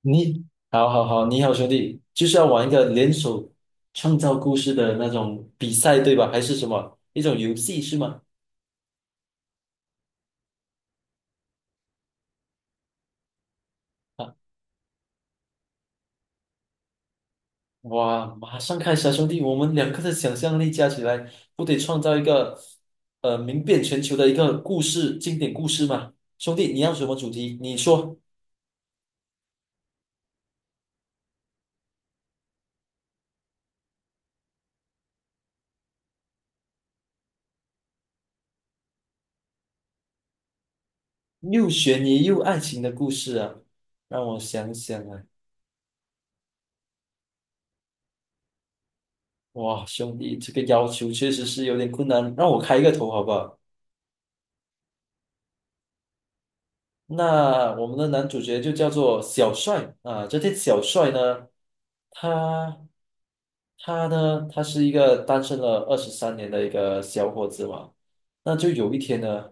你好好好，你好兄弟，就是要玩一个联手创造故事的那种比赛，对吧？还是什么一种游戏是吗？啊，哇，马上开始啊，兄弟，我们两个的想象力加起来，不得创造一个名遍全球的一个故事经典故事吗？兄弟，你要什么主题？你说，又悬疑又爱情的故事啊，让我想想啊，哇，兄弟，这个要求确实是有点困难，让我开一个头好不好？那我们的男主角就叫做小帅啊，这天小帅呢，他他呢，他是一个单身了二十三年的一个小伙子嘛，那就有一天呢，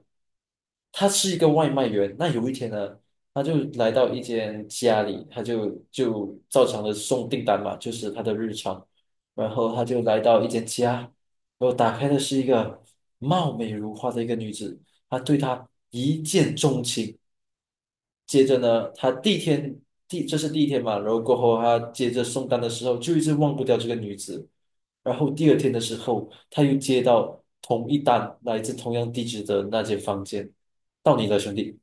他是一个外卖员，那有一天呢，他就来到一间家里，他就照常的送订单嘛，就是他的日常，然后他就来到一间家，然后打开的是一个貌美如花的一个女子。他对她一见钟情，接着呢，他第一天这是第一天嘛，然后过后他接着送单的时候就一直忘不掉这个女子，然后第二天的时候他又接到同一单来自同样地址的那间房间，到你了，兄弟。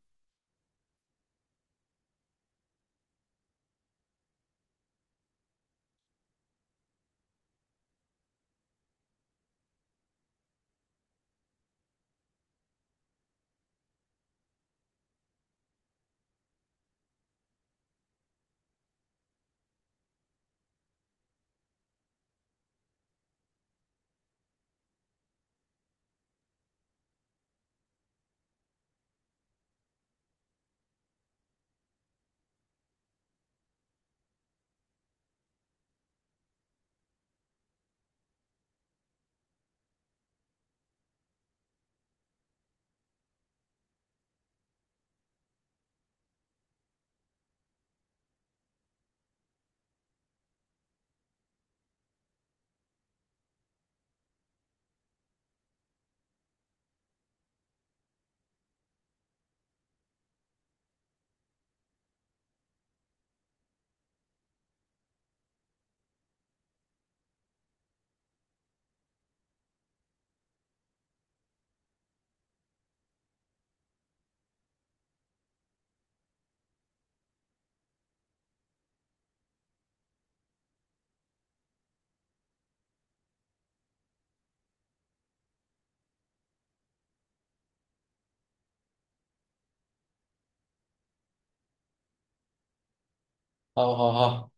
好好好。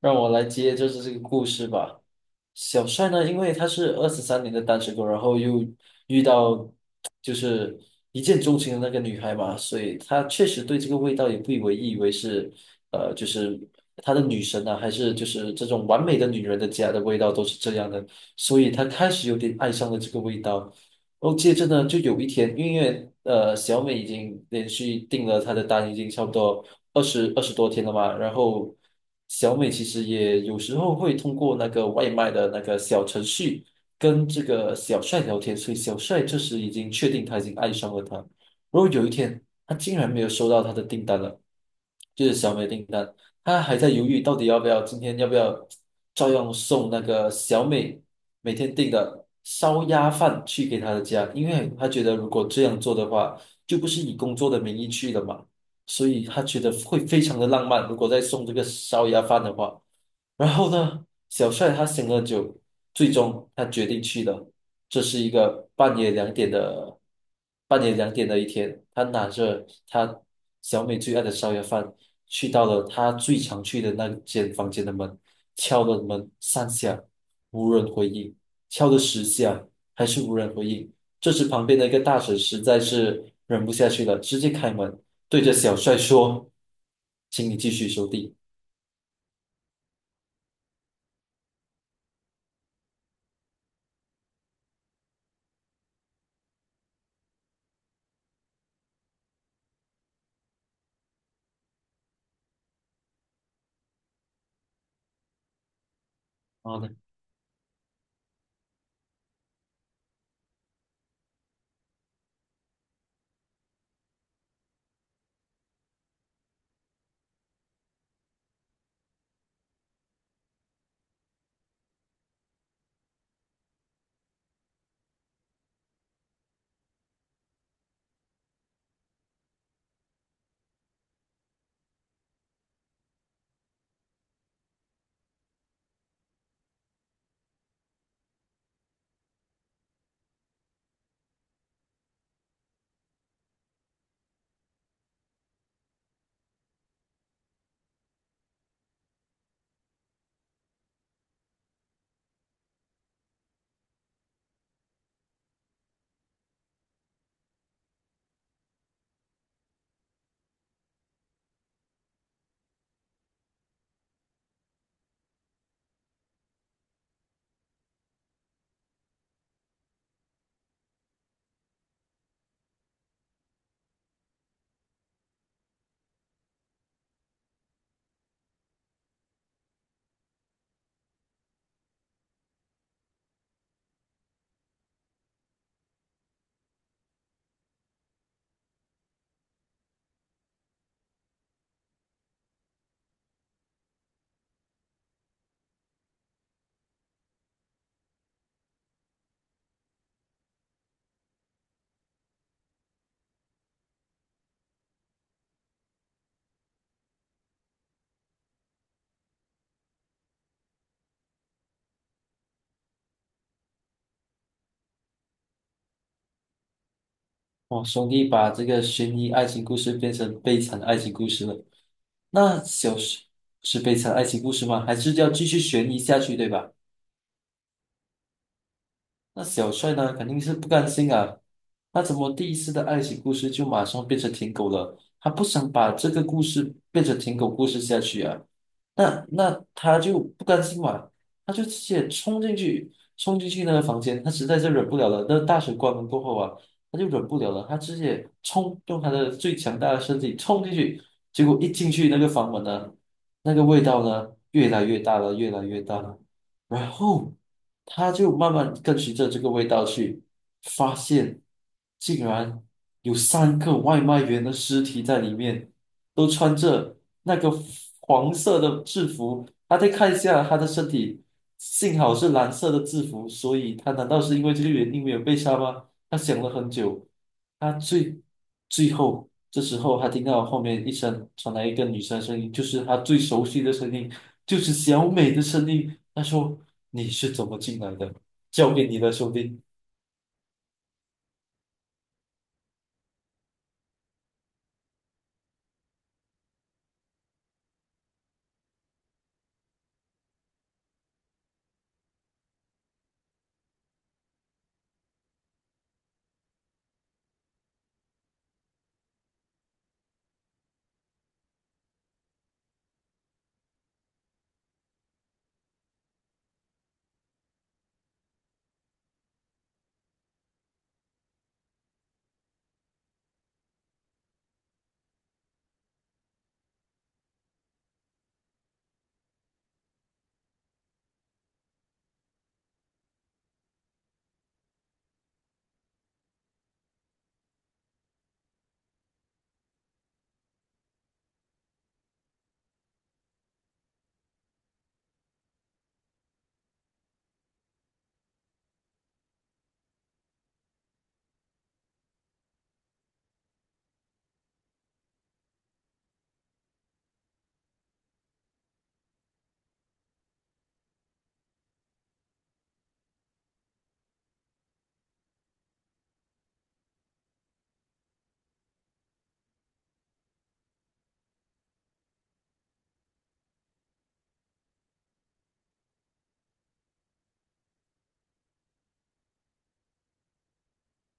让我来接就是这个故事吧。小帅呢，因为他是二十三年的单身狗，然后又遇到就是一见钟情的那个女孩嘛，所以他确实对这个味道也不以为意，以为是就是他的女神啊，还是就是这种完美的女人的家的味道都是这样的，所以他开始有点爱上了这个味道。哦，接着呢，就有一天，因为小美已经连续订了他的单，已经差不多二十多天了嘛。然后小美其实也有时候会通过那个外卖的那个小程序跟这个小帅聊天，所以小帅这时已经确定他已经爱上了她。然后有一天，他竟然没有收到他的订单了，就是小美的订单。他还在犹豫到底要不要照样送那个小美每天订的烧鸭饭去给他的家，因为他觉得如果这样做的话，就不是以工作的名义去了嘛，所以他觉得会非常的浪漫，如果再送这个烧鸭饭的话。然后呢，小帅他醒了酒，最终他决定去的。这是一个半夜两点的，半夜两点的一天，他拿着他小美最爱的烧鸭饭，去到了他最常去的那间房间的门，敲了门3下，无人回应；敲了10下，还是无人回应。这时旁边的一个大婶实在是忍不下去了，直接开门，对着小帅说：“请你继续收地。”然后呢？哇，兄弟把这个悬疑爱情故事变成悲惨爱情故事了。那小时是悲惨爱情故事吗？还是要继续悬疑下去，对吧？那小帅呢，肯定是不甘心啊。他怎么第一次的爱情故事就马上变成舔狗了？他不想把这个故事变成舔狗故事下去啊。那他就不甘心嘛，他就直接冲进去那个房间，他实在是忍不了了。那大水关门过后啊，他就忍不了了，他直接冲，用他的最强大的身体冲进去。结果一进去那个房门呢，那个味道呢，越来越大了，越来越大了。然后他就慢慢跟随着这个味道去，发现竟然有3个外卖员的尸体在里面，都穿着那个黄色的制服。他再看一下他的身体，幸好是蓝色的制服，所以他难道是因为这个原因没有被杀吗？他想了很久，他最后这时候，他听到后面一声传来一个女生的声音，就是他最熟悉的声音，就是小美的声音。他说：“你是怎么进来的？交给你的，兄弟。”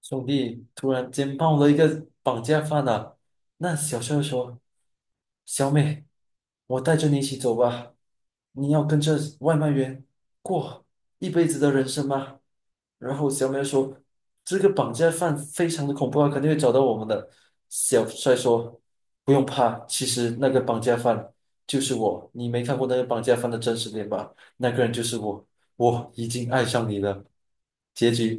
兄弟突然间爆了一个绑架犯啊！那小帅说：“小美，我带着你一起走吧，你要跟着外卖员过一辈子的人生吗？”然后小美说：“这个绑架犯非常的恐怖啊，肯定会找到我们的。”小帅说：“不用怕，其实那个绑架犯就是我，你没看过那个绑架犯的真实脸吧？那个人就是我，我已经爱上你了。”结局。